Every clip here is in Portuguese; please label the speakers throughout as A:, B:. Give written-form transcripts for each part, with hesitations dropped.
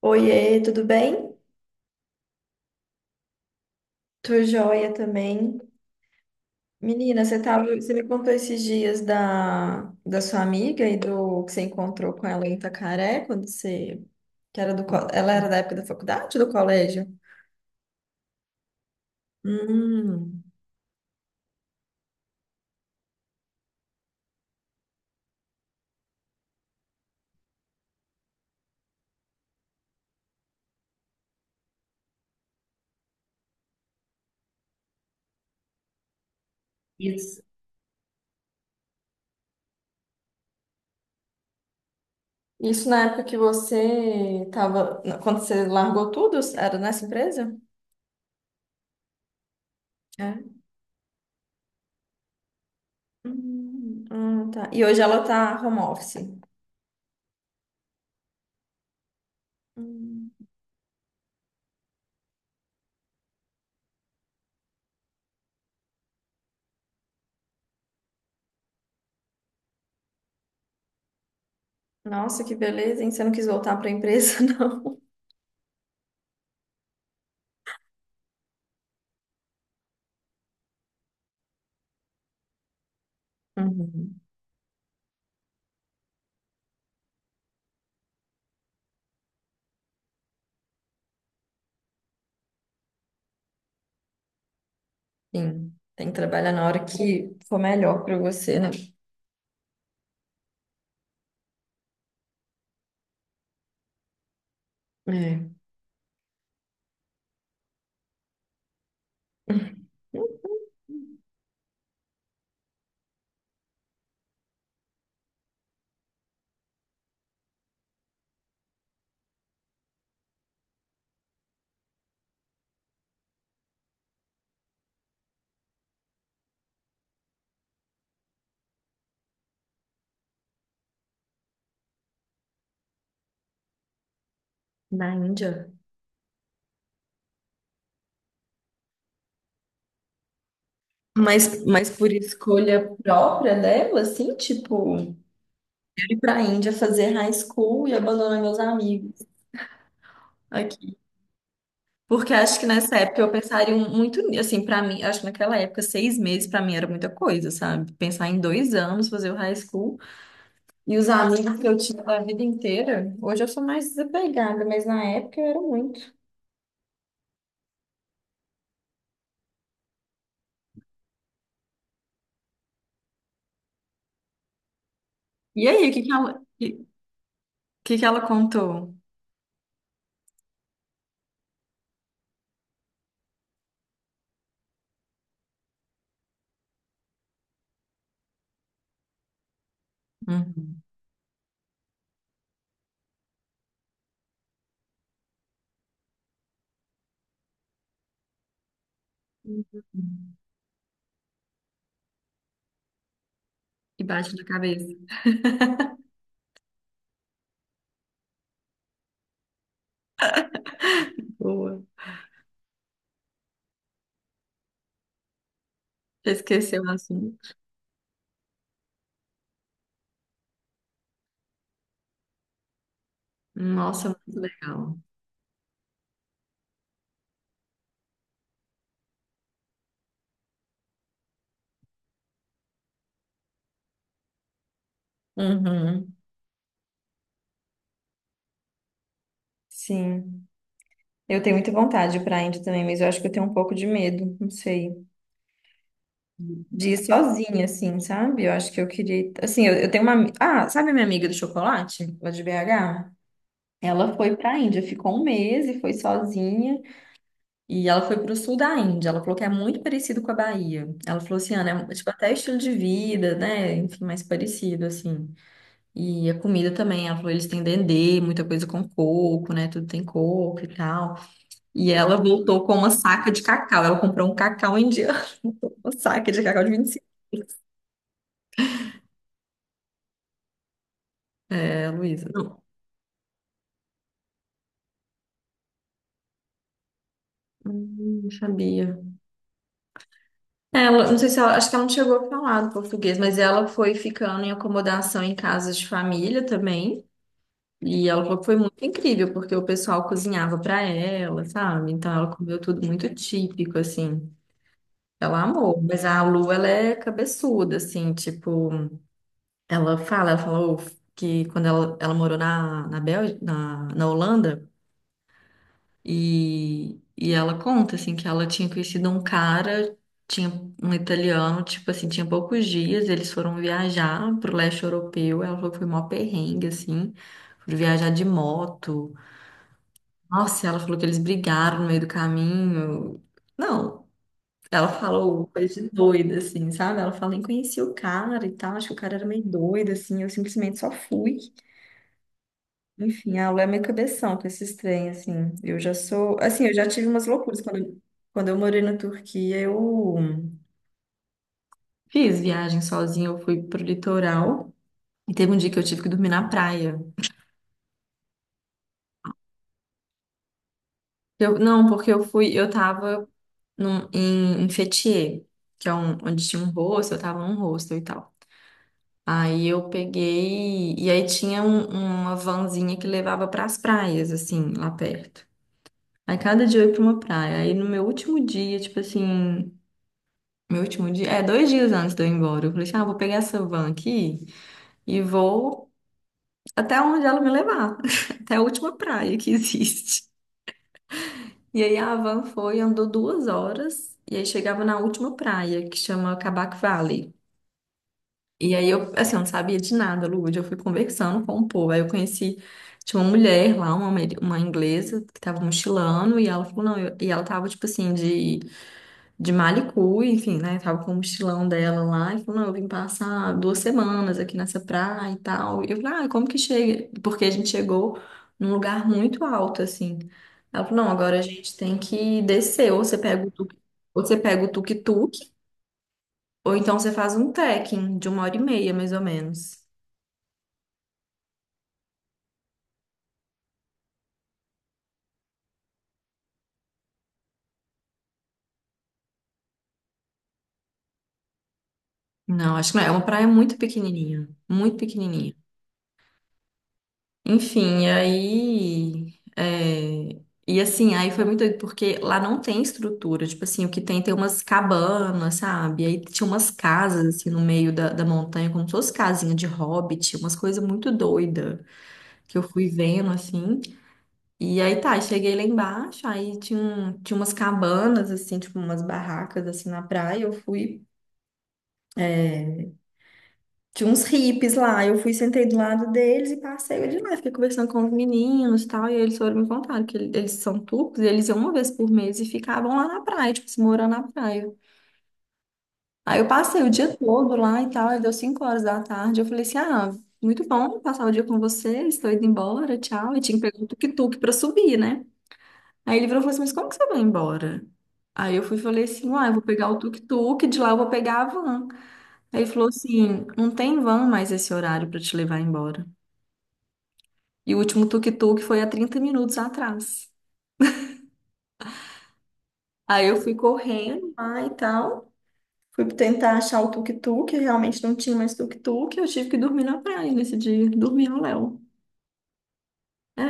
A: Oiê, tudo bem? Tô joia também. Menina, você me contou esses dias da sua amiga e do que você encontrou com ela em Itacaré, quando você, que era do, co- ela era da época da faculdade, ou do colégio? Hum. Isso. Isso na época que você tava, quando você largou tudo, era nessa empresa? É. Ah, tá. E hoje ela tá home office. Hum. Nossa, que beleza, hein? Você não quis voltar para a empresa, não? Uhum. Sim, tem que trabalhar na hora que for melhor para você, né? É. Na Índia. Mas por escolha própria dela, assim, tipo, eu ir pra Índia fazer high school e abandonar meus amigos aqui. Porque acho que nessa época eu pensaria muito, assim, pra mim, acho que naquela época, 6 meses pra mim era muita coisa, sabe? Pensar em 2 anos, fazer o high school e os amigos que eu tinha da vida inteira. Hoje eu sou mais desapegada, mas na época eu era muito. E aí, o que que ela contou? Uhum. Uhum. E bate na cabeça. Boa. Já esqueceu o assunto. Nossa, muito legal. Uhum. Sim. Eu tenho muita vontade para a Índia também, mas eu acho que eu tenho um pouco de medo, não sei. De ir sozinha, assim, sabe? Eu acho que eu queria. Assim, eu tenho uma. Ami- Ah, sabe a minha amiga do chocolate, lá de BH? Ela foi para a Índia, ficou um mês e foi sozinha. E ela foi para o sul da Índia. Ela falou que é muito parecido com a Bahia. Ela falou assim, Ana, é tipo até estilo de vida, né? Enfim, mais parecido, assim. E a comida também, ela falou, eles têm dendê, muita coisa com coco, né? Tudo tem coco e tal. E ela voltou com uma saca de cacau. Ela comprou um cacau indiano, uma saca de cacau de 25. É, Luísa. Não, não sabia. Não sei se ela, acho que ela não chegou a falar do português, mas ela foi ficando em acomodação em casas de família também. E ela falou que foi muito incrível, porque o pessoal cozinhava para ela, sabe? Então ela comeu tudo muito típico, assim. Ela amou, mas a Lu, ela é cabeçuda, assim, tipo, ela falou que quando ela morou na Bélgica, na Holanda, e ela conta, assim, que ela tinha conhecido um cara, tinha um italiano, tipo assim, tinha poucos dias, eles foram viajar pro leste europeu, ela falou que foi mó perrengue, assim, foram viajar de moto. Nossa, ela falou que eles brigaram no meio do caminho. Não. Ela falou coisa de doida, assim, sabe? Ela falou, nem conhecia o cara e tal, acho que o cara era meio doido, assim, eu simplesmente só fui. Enfim, ela é meio cabeção com esses trem, assim. Eu já sou, assim, eu já tive umas loucuras. Quando eu morei na Turquia, eu fiz viagem sozinha, eu fui pro litoral e teve um dia que eu tive que dormir na praia. Eu, não, porque eu fui, eu tava em Fethiye, que é um, onde tinha um rosto eu tava num rosto e tal. Aí eu peguei, e aí tinha uma vanzinha que levava para as praias, assim, lá perto. Aí cada dia eu ia para uma praia. Aí no meu último dia, tipo assim, meu último dia, é, dois dias antes de eu ir embora, eu falei assim: ah, vou pegar essa van aqui e vou até onde ela me levar, até a última praia que existe. E aí a van foi, andou 2 horas, e aí chegava na última praia, que chama Cabac Valley. E aí eu, assim, eu não sabia de nada, Lude. Eu fui conversando com o povo. Aí eu conheci, tinha uma mulher lá, uma inglesa, que tava mochilando, e ela falou, não, e ela tava, tipo assim, de Malicu, enfim, né? Tava com o mochilão dela lá, e falou, não, eu vim passar 2 semanas aqui nessa praia e tal. E eu falei, ah, como que chega? Porque a gente chegou num lugar muito alto, assim. Ela falou, não, agora a gente tem que descer, ou você pega o tuk-tuk, ou então você faz um trekking de uma hora e meia, mais ou menos. Não, acho que não. É uma praia muito pequenininha. Muito pequenininha. Enfim, e aí. E assim, aí foi muito doido, porque lá não tem estrutura. Tipo assim, o que tem tem umas cabanas, sabe? E aí tinha umas casas, assim, no meio da montanha, como se fosse casinha de hobbit, umas coisas muito doidas que eu fui vendo, assim. E aí tá, cheguei lá embaixo, aí tinha, tinha umas cabanas, assim, tipo umas barracas, assim, na praia. Eu fui. Tinha uns hippies lá. Eu fui, sentei do lado deles e passei de lá. Fiquei conversando com os meninos e tal. E eles foram me contar que eles são turcos e eles iam uma vez por mês e ficavam lá na praia, tipo, se morando na praia. Aí eu passei o dia todo lá e tal. Aí deu 5 horas da tarde. Eu falei assim: ah, muito bom passar o dia com vocês. Estou indo embora, tchau. E tinha que pegar um tuk-tuk pra subir, né? Aí ele virou e falou assim: mas como que você vai embora? Aí eu fui e falei assim: ah, eu vou pegar o tuk-tuk, de lá eu vou pegar a van. Aí ele falou assim: não tem van mais esse horário pra te levar embora. E o último tuk-tuk foi há 30 minutos atrás. Aí eu fui correndo lá e tal. Fui tentar achar o tuk-tuk, realmente não tinha mais tuk-tuk. Eu tive que dormir na praia nesse dia. Dormi no Léo. É.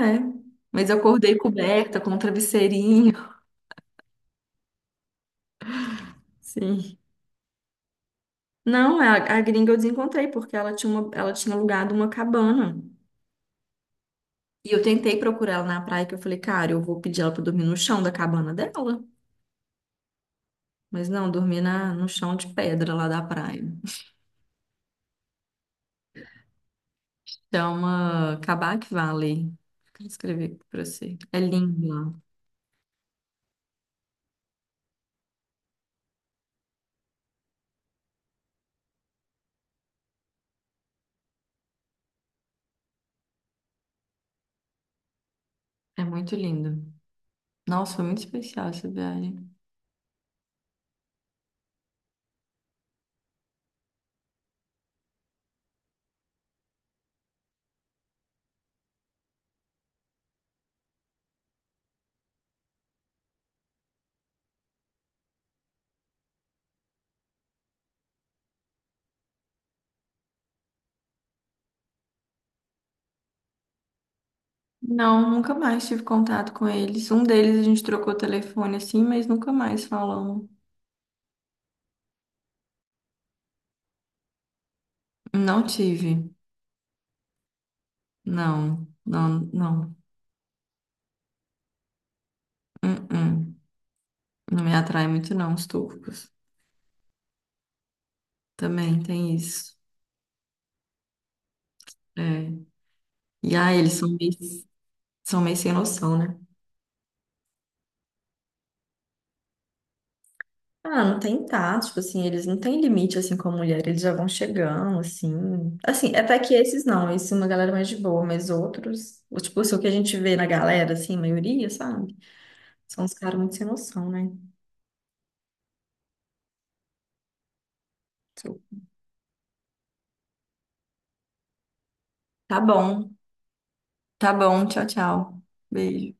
A: Mas eu acordei coberta com um travesseirinho. Sim. Não, a gringa eu desencontrei, porque ela tinha alugado uma cabana. E eu tentei procurar ela na praia, que eu falei, cara, eu vou pedir ela pra dormir no chão da cabana dela. Mas não, dormi no chão de pedra lá da praia. Chama Kabak Valley. Quero escrever aqui pra você. É lindo lá. É muito lindo. Nossa, foi muito especial essa viagem. Não, nunca mais tive contato com eles. Um deles a gente trocou telefone assim, mas nunca mais falamos. Não tive. Não, não, não. Uh-uh. Não me atrai muito não, os turcos. Também tem isso. É. E ah, eles são meio, sem noção, né? Ah, não tem tato, tipo assim, eles não têm limite assim com a mulher, eles já vão chegando, assim. Assim, até que esses não, esse é uma galera mais de boa, mas outros, tipo, assim, o que a gente vê na galera, assim, maioria, sabe? São uns caras muito sem noção, né? Tipo, Tá bom, tá bom, tchau, tchau. Beijo.